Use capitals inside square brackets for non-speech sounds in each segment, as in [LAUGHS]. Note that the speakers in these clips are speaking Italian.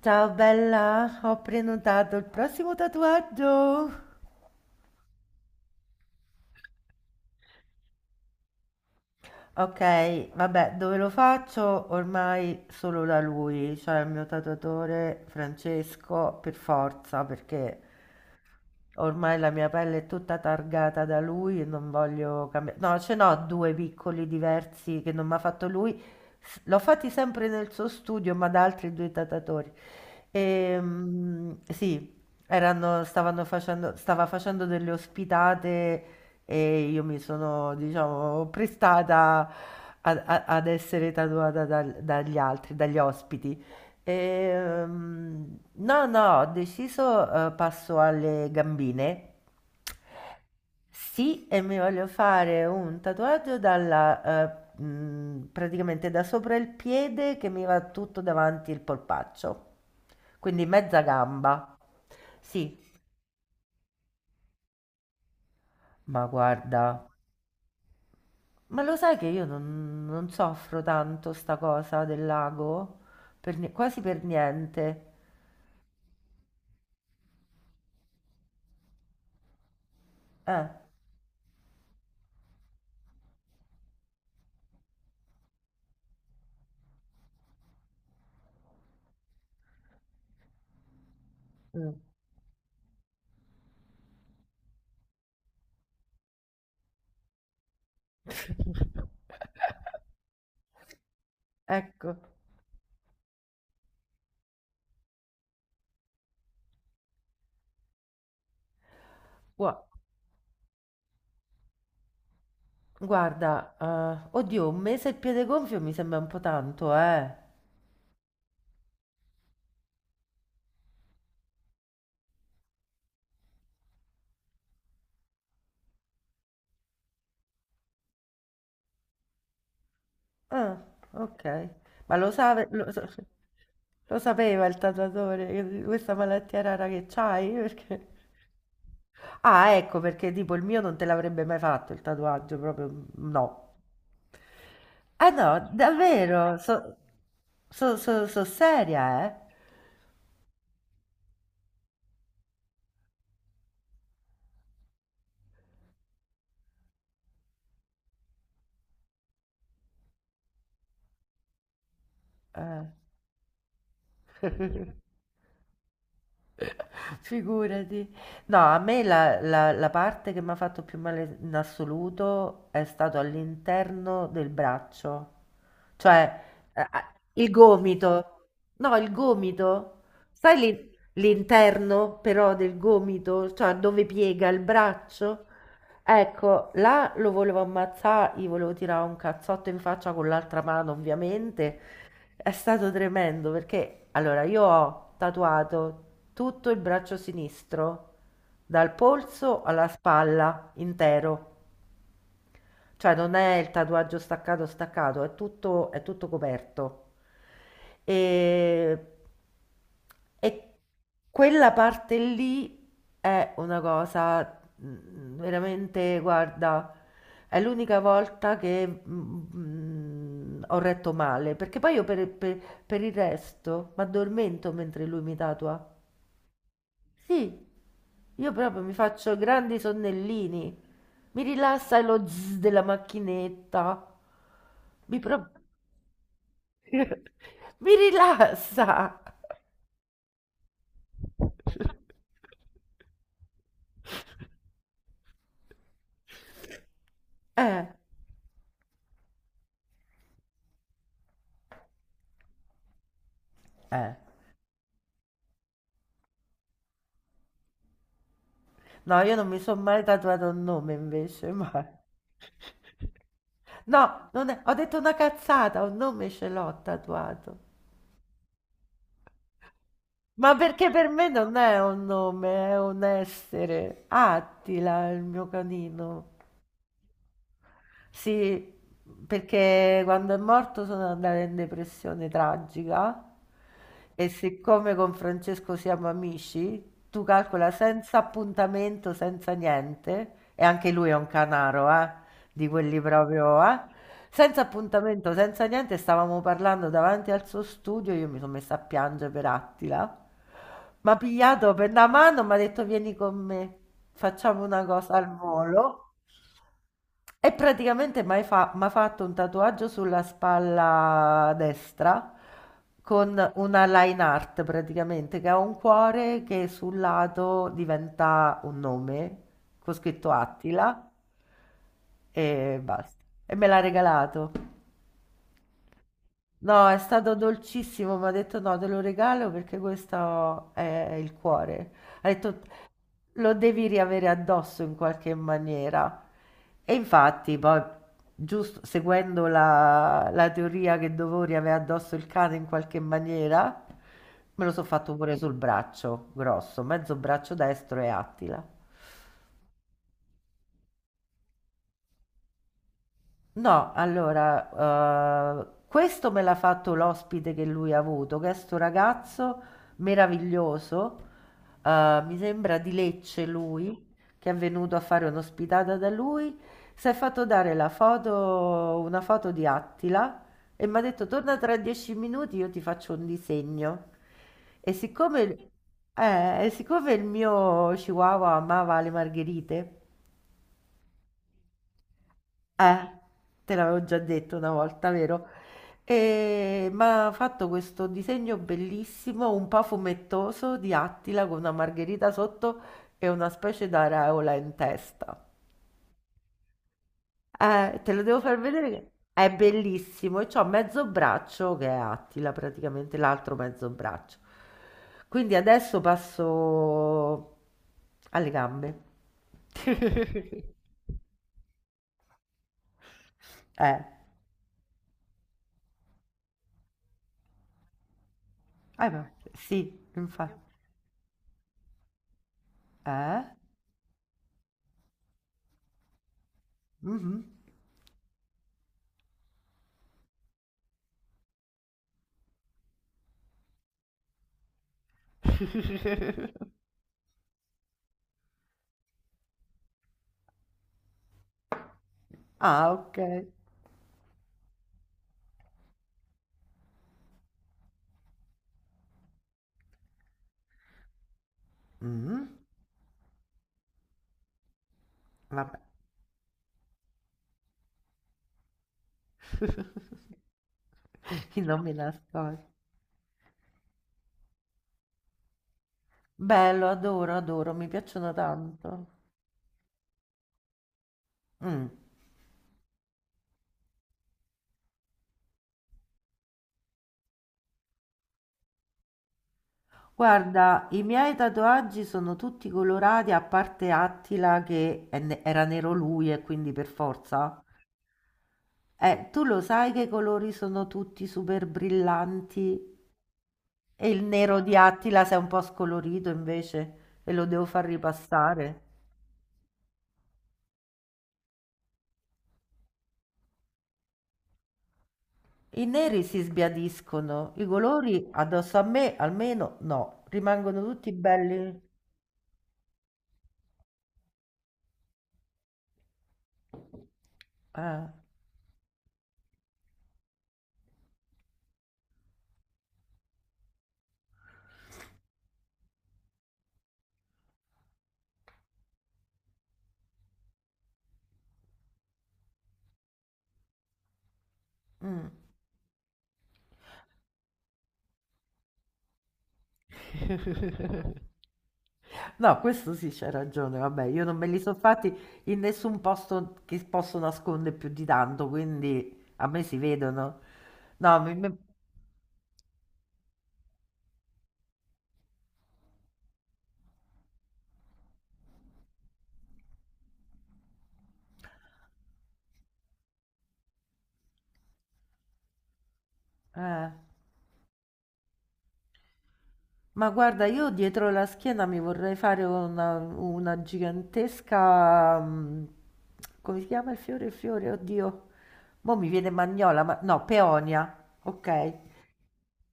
Ciao bella, ho prenotato il prossimo tatuaggio. Ok, vabbè, dove lo faccio? Ormai solo da lui, cioè il mio tatuatore Francesco, per forza, perché ormai la mia pelle è tutta targata da lui e non voglio cambiare. No, ce n'ho due piccoli diversi che non mi ha fatto lui. L'ho fatti sempre nel suo studio, ma da altri due tatatori. Sì, stava facendo delle ospitate e io mi sono, diciamo, prestata ad essere tatuata dagli altri, dagli ospiti. No, no, ho deciso, passo alle gambine. Sì, e mi voglio fare un tatuaggio praticamente da sopra il piede che mi va tutto davanti il polpaccio, quindi mezza gamba. Sì, ma guarda, ma lo sai che io non soffro tanto sta cosa del lago? Quasi per niente. Eh, mm. [LAUGHS] Ecco. Gua- Guarda, oddio, un mese il piede gonfio mi sembra un po' tanto, eh. Ah, ok. Ma lo, sa- lo sa- [LAUGHS] Lo sapeva il tatuatore questa malattia rara che c'hai? [LAUGHS] Perché... Ah, ecco, perché tipo il mio non te l'avrebbe mai fatto il tatuaggio, proprio no. Eh no, davvero, so seria, eh. Eh. [LAUGHS] [LAUGHS] Figurati. No, a me la parte che mi ha fatto più male in assoluto è stato all'interno del braccio, cioè ah, il gomito. No, il gomito. Sai l'interno però del gomito, cioè dove piega il braccio? Ecco, là lo volevo ammazzare, gli volevo tirare un cazzotto in faccia con l'altra mano, ovviamente, è stato tremendo perché allora io ho tatuato tutto il braccio sinistro, dal polso alla spalla, intero. Cioè non è il tatuaggio staccato staccato, è tutto coperto. E, e quella parte lì è una cosa mm, veramente, guarda, è l'unica volta che mm, ho retto male, perché poi io per il resto mi addormento mentre lui mi tatua. Sì, io proprio mi faccio grandi sonnellini. Mi rilassa lo zzz della macchinetta. Mi, pro- Mi rilassa. Eh, eh. No, io non mi sono mai tatuato un nome invece, mai. No, non è- ho detto una cazzata, un nome ce l'ho tatuato. Ma perché per me non è un nome, è un essere. Attila, il mio canino. Sì, perché quando è morto sono andata in depressione tragica e siccome con Francesco siamo amici, tu calcola senza appuntamento, senza niente, e anche lui è un canaro, di quelli proprio, senza appuntamento, senza niente, stavamo parlando davanti al suo studio, io mi sono messa a piangere per Attila, mi ha pigliato per la mano, mi ha detto vieni con me, facciamo una cosa al volo. E praticamente mi ha fatto un tatuaggio sulla spalla destra con una line art praticamente, che ha un cuore che sul lato diventa un nome, con scritto Attila e basta. E me l'ha regalato. No, è stato dolcissimo, mi ha detto no, te lo regalo perché questo è il cuore. Ha detto lo devi riavere addosso in qualche maniera. E infatti, poi, giusto seguendo la teoria che dovevo riavere addosso il cane in qualche maniera, me lo sono fatto pure sul braccio grosso, mezzo braccio destro e Attila. No, allora, questo me l'ha fatto l'ospite che lui ha avuto, che è sto ragazzo meraviglioso, mi sembra di Lecce lui, che è venuto a fare un'ospitata da lui, si è fatto dare la foto, una foto di Attila e mi ha detto torna tra 10 minuti, io ti faccio un disegno. E siccome, e siccome il mio chihuahua amava le margherite, eh, te l'avevo già detto una volta, vero? E ma ha fatto questo disegno bellissimo, un po' fumettoso, di Attila con una margherita sotto e una specie d'aureola in testa. Te lo devo far vedere che è bellissimo e c'ho mezzo braccio che è Attila praticamente, l'altro mezzo braccio. Quindi adesso passo alle gambe. [LAUGHS] Eh, sì, infatti. Eh? Mhm. [LAUGHS] Ah, ok. Mhm. Vabbè, [LAUGHS] io non mi nascondo. Bello, adoro, adoro, mi piacciono tanto. Mm. Guarda, i miei tatuaggi sono tutti colorati, a parte Attila che era nero lui e quindi per forza. Tu lo sai che i colori sono tutti super brillanti e il nero di Attila si è un po' scolorito invece e lo devo far ripassare. I neri si sbiadiscono, i colori addosso a me almeno no, rimangono tutti belli. Ah, mm. [LAUGHS] No, questo sì c'è ragione, vabbè, io non me li sono fatti in nessun posto che posso nascondere più di tanto, quindi a me si vedono. No, eh. Ma guarda, io dietro la schiena mi vorrei fare una gigantesca... mm, come si chiama il fiore? Il fiore, oddio. Mo' mi viene magnola, ma no, peonia. Ok.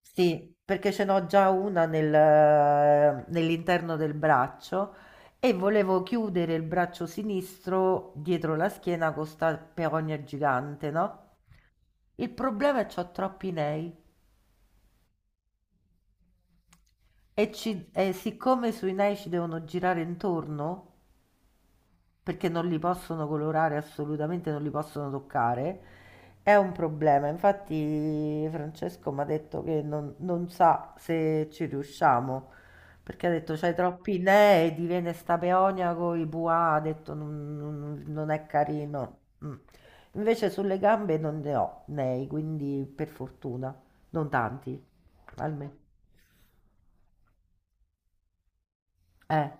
Sì, perché ce n'ho già una nell'interno del braccio e volevo chiudere il braccio sinistro dietro la schiena con sta peonia gigante, no? Il problema è che ho troppi nei e, e siccome sui nei ci devono girare intorno, perché non li possono colorare assolutamente, non li possono toccare, è un problema. Infatti Francesco mi ha detto che non sa se ci riusciamo, perché ha detto c'hai troppi nei, diviene sta peonia con i buà, ha detto non è carino. Mm. Invece sulle gambe non ne ho nei, quindi per fortuna, non tanti, almeno. Eh.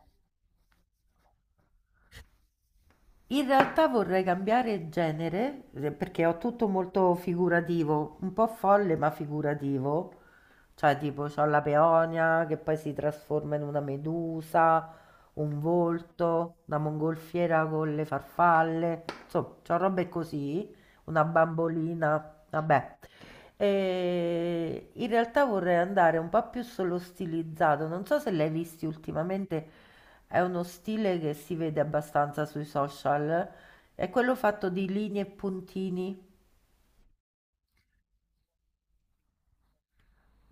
In realtà vorrei cambiare genere, perché ho tutto molto figurativo, un po' folle ma figurativo. Cioè, tipo, ho la peonia che poi si trasforma in una medusa, un volto, una mongolfiera con le farfalle, insomma, ho robe così, una bambolina, vabbè. E in realtà vorrei andare un po' più sullo stilizzato. Non so se l'hai visti ultimamente, è uno stile che si vede abbastanza sui social. È quello fatto di linee e puntini.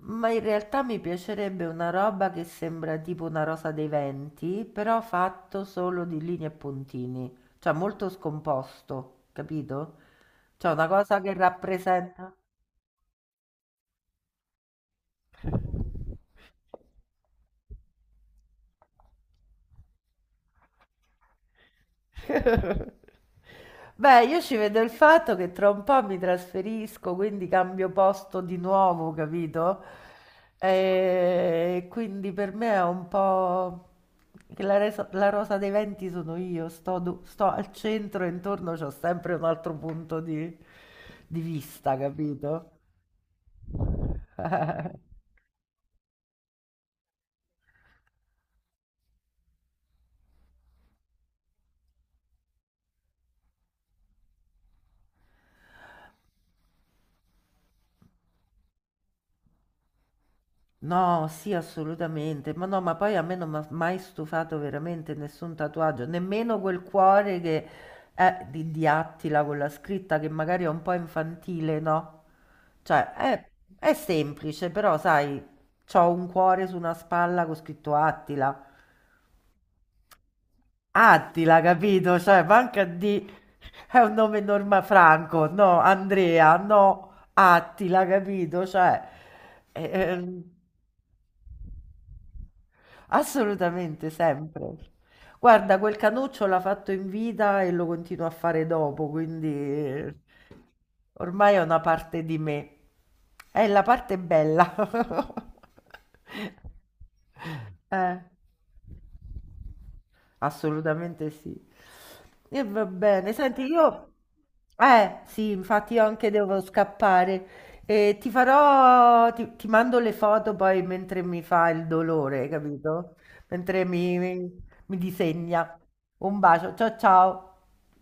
Ma in realtà mi piacerebbe una roba che sembra tipo una rosa dei venti, però fatto solo di linee e puntini. Cioè molto scomposto, capito? Cioè una cosa che rappresenta. [LAUGHS] Beh, io ci vedo il fatto che tra un po' mi trasferisco, quindi cambio posto di nuovo, capito? E quindi per me è un po' che la rosa dei venti sono io, sto al centro e intorno c'ho sempre un altro punto di vista, capito? [LAUGHS] No, sì, assolutamente. Ma no, ma poi a me non mi ha mai stufato veramente nessun tatuaggio, nemmeno quel cuore che è di Attila con la scritta che magari è un po' infantile, no? Cioè, è semplice, però sai, c'ho un cuore su una spalla con scritto Attila. Attila, capito? Cioè, manca di... È un nome norma Franco, no, Andrea, no, Attila, capito? Cioè, eh, ehm, assolutamente, sempre. Guarda, quel canuccio l'ha fatto in vita e lo continuo a fare dopo, quindi ormai è una parte di me. È la parte bella. [LAUGHS] Eh. Assolutamente sì. E va bene, senti, io... sì, infatti io anche devo scappare. E ti farò... ti mando le foto poi mentre mi fa il dolore, capito? Mentre mi mi disegna. Un bacio, ciao ciao.